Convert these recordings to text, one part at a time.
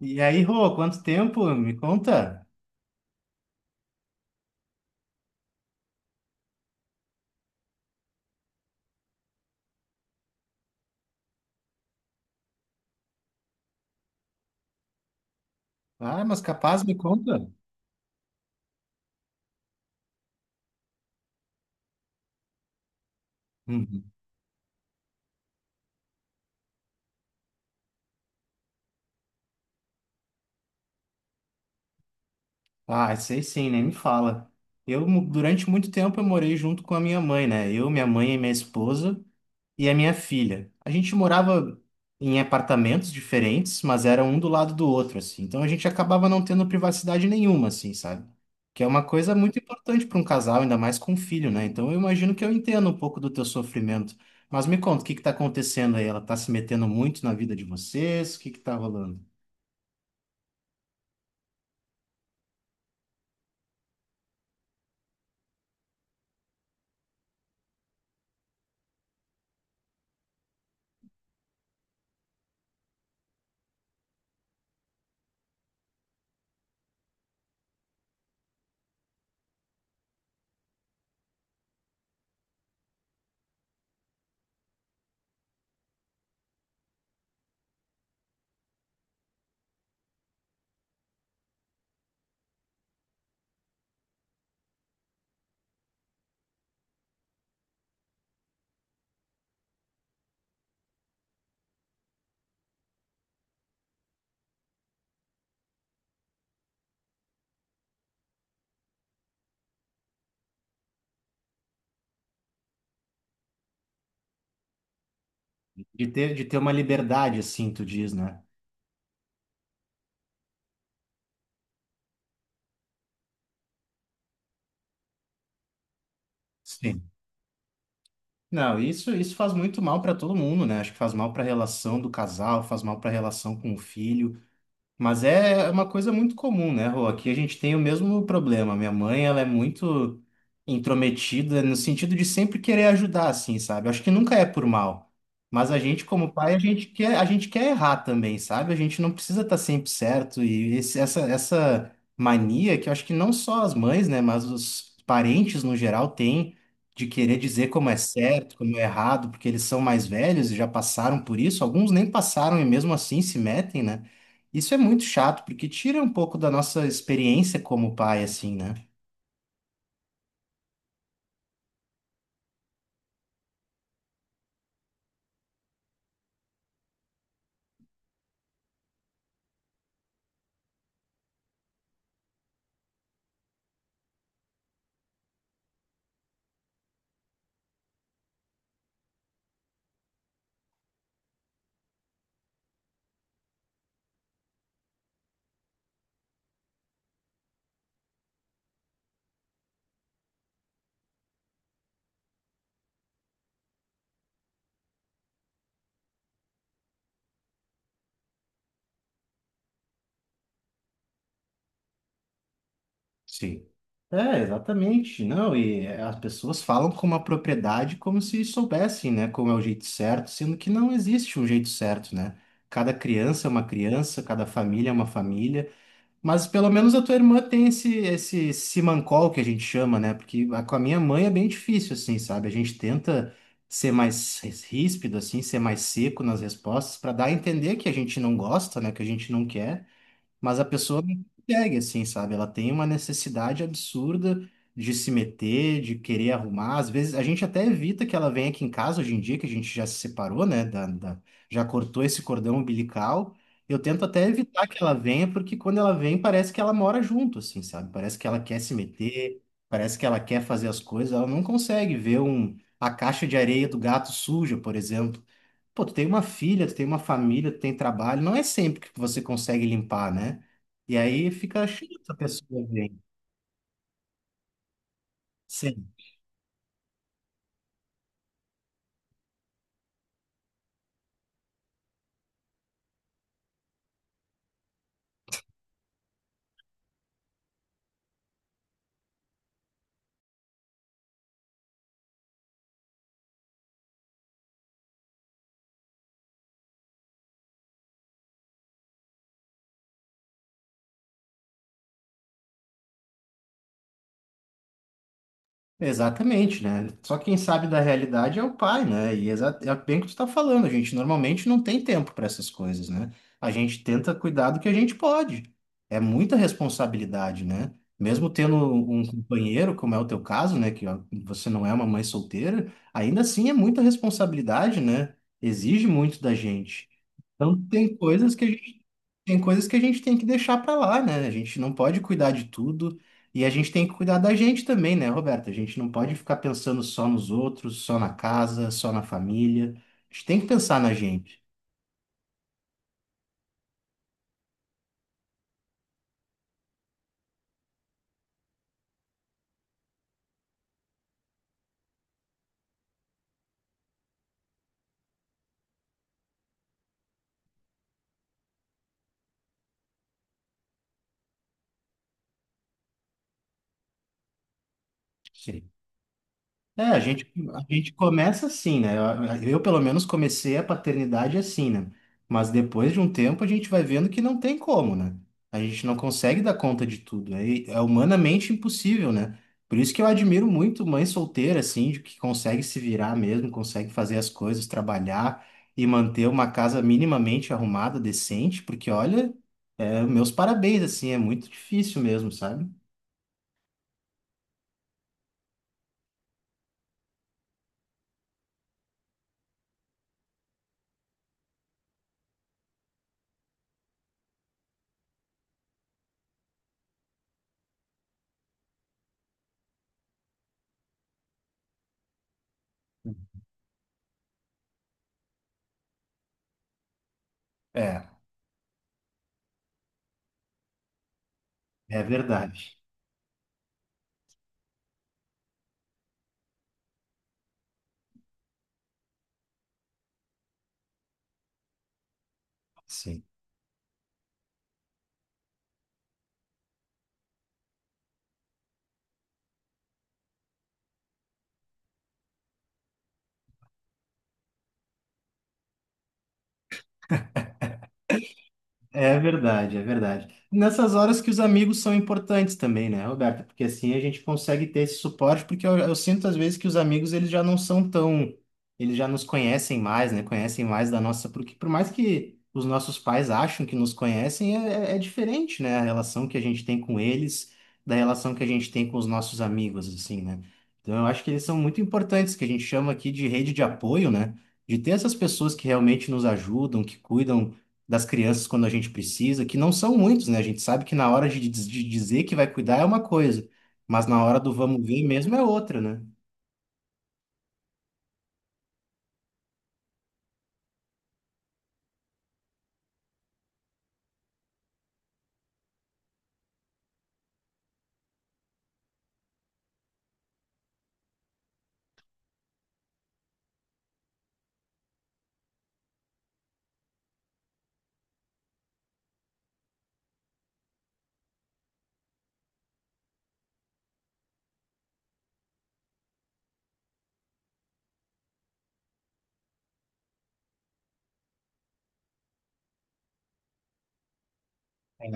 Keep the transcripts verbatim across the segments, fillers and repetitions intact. E aí, Rô, quanto tempo? Me conta. Ah, mas capaz, me conta. Uhum. Ah, sei sim, nem me fala. Eu, mu- durante muito tempo, eu morei junto com a minha mãe, né? Eu, minha mãe e minha esposa. E a minha filha. A gente morava em apartamentos diferentes, mas era um do lado do outro, assim. Então a gente acabava não tendo privacidade nenhuma, assim, sabe? Que é uma coisa muito importante para um casal, ainda mais com um filho, né? Então eu imagino que eu entendo um pouco do teu sofrimento. Mas me conta, o que que tá acontecendo aí? Ela tá se metendo muito na vida de vocês? O que que tá rolando? De ter, de ter uma liberdade, assim, tu diz, né? Sim. Não, isso, isso faz muito mal para todo mundo, né? Acho que faz mal para a relação do casal, faz mal para a relação com o filho. Mas é uma coisa muito comum, né, Rô? Aqui a gente tem o mesmo problema. Minha mãe, ela é muito intrometida no sentido de sempre querer ajudar, assim, sabe? Acho que nunca é por mal. Mas a gente, como pai, a gente quer, a gente quer errar também, sabe? A gente não precisa estar sempre certo. E esse- essa, essa mania que eu acho que não só as mães, né, mas os parentes no geral têm de querer dizer como é certo, como é errado, porque eles são mais velhos e já passaram por isso. Alguns nem passaram e mesmo assim se metem, né? Isso é muito chato, porque tira um pouco da nossa experiência como pai, assim, né? Sim. É, exatamente. Não, e as pessoas falam com uma propriedade como se soubessem, né, como é o jeito certo, sendo que não existe um jeito certo, né? Cada criança é uma criança, cada família é uma família. Mas pelo menos a tua irmã tem esse, esse simancol que a gente chama, né? Porque a- com a minha mãe é bem difícil, assim, sabe? A gente tenta ser mais ríspido, assim, ser mais seco nas respostas, para dar a entender que a gente não gosta, né? Que a gente não quer. Mas a pessoa não consegue, assim, sabe? Ela tem uma necessidade absurda de se meter, de querer arrumar. Às vezes, a gente até evita que ela venha aqui em casa hoje em dia, que a gente já se separou, né? Da, da- já cortou esse cordão umbilical. Eu tento até evitar que ela venha, porque quando ela vem, parece que ela mora junto, assim, sabe? Parece que ela quer se meter, parece que ela quer fazer as coisas. Ela não consegue ver um, a caixa de areia do gato suja, por exemplo. Pô, tu tem uma filha, tu tem uma família, tu tem trabalho, não é sempre que você consegue limpar, né? E aí fica chato a pessoa ver. Sim, exatamente, né? Só quem sabe da realidade é o pai, né? E exa- é bem o que tu tá falando, a gente normalmente não tem tempo para essas coisas, né? A gente tenta cuidar do que a gente pode. É muita responsabilidade, né? Mesmo tendo um companheiro, como é o teu caso, né? Que ó, você não é uma mãe solteira, ainda assim é muita responsabilidade, né? Exige muito da gente. Então tem coisas que a gente, tem coisas que a gente tem que deixar para lá, né? A gente não pode cuidar de tudo e a gente tem que cuidar da gente também, né, Roberta? A gente não pode ficar pensando só nos outros, só na casa, só na família. A gente tem que pensar na gente. É, a gente, a gente começa assim, né? Eu, eu, pelo menos, comecei a paternidade assim, né? Mas depois de um tempo, a gente vai vendo que não tem como, né? A gente não consegue dar conta de tudo. É, é humanamente impossível, né? Por isso que eu admiro muito mãe solteira, assim, de que consegue se virar mesmo, consegue fazer as coisas, trabalhar e manter uma casa minimamente arrumada, decente, porque, olha, é, meus parabéns, assim, é muito difícil mesmo, sabe? É, é verdade. Sim. É verdade, é verdade. Nessas horas que os amigos são importantes também, né, Roberta? Porque assim a gente consegue ter esse suporte, porque eu, eu sinto às vezes que os amigos eles já não são tão, eles já nos conhecem mais, né? Conhecem mais da nossa, porque por mais que os nossos pais acham que nos conhecem, é, é é diferente, né? A relação que a gente tem com eles da relação que a gente tem com os nossos amigos, assim, né? Então eu acho que eles são muito importantes, que a gente chama aqui de rede de apoio, né? De ter essas pessoas que realmente nos ajudam, que cuidam das crianças quando a gente precisa, que não são muitos, né? A gente sabe que na hora de, de dizer que vai cuidar é uma coisa, mas na hora do vamos ver mesmo é outra, né? É,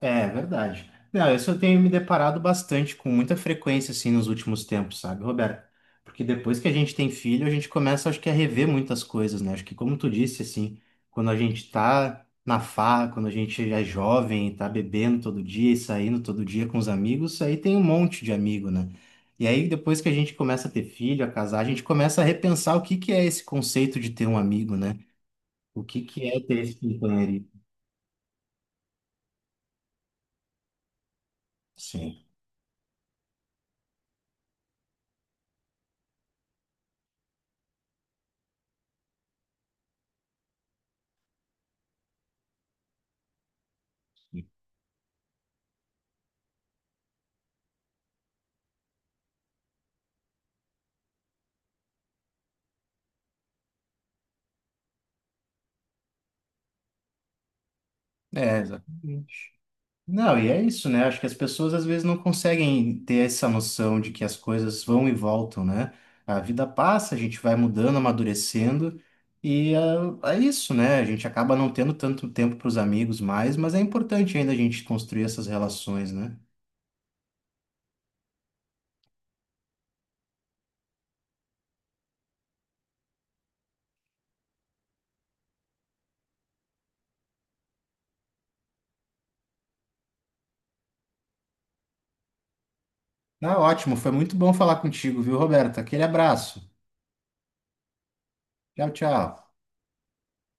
É verdade. Não, isso eu tenho me deparado bastante com muita frequência assim nos últimos tempos, sabe, Roberto? Porque depois que a gente tem filho, a gente começa, acho que, a rever muitas coisas, né? Acho que, como tu disse, assim, quando a gente tá na farra, quando a gente é jovem, tá bebendo todo dia e saindo todo dia com os amigos, isso aí tem um monte de amigo, né? E aí, depois que a gente começa a ter filho, a casar, a gente começa a repensar o que que é esse conceito de ter um amigo, né? O que que é ter esse companheiro? Sim. É, exatamente. Não, e é isso, né? Acho que as pessoas às vezes não conseguem ter essa noção de que as coisas vão e voltam, né? A vida passa, a gente vai mudando, amadurecendo, e ah, é, isso, né? A gente acaba não tendo tanto tempo para os amigos mais, mas é importante ainda a gente construir essas relações, né? Tá ótimo, foi muito bom falar contigo, viu, Roberto? Aquele abraço. Tchau, tchau.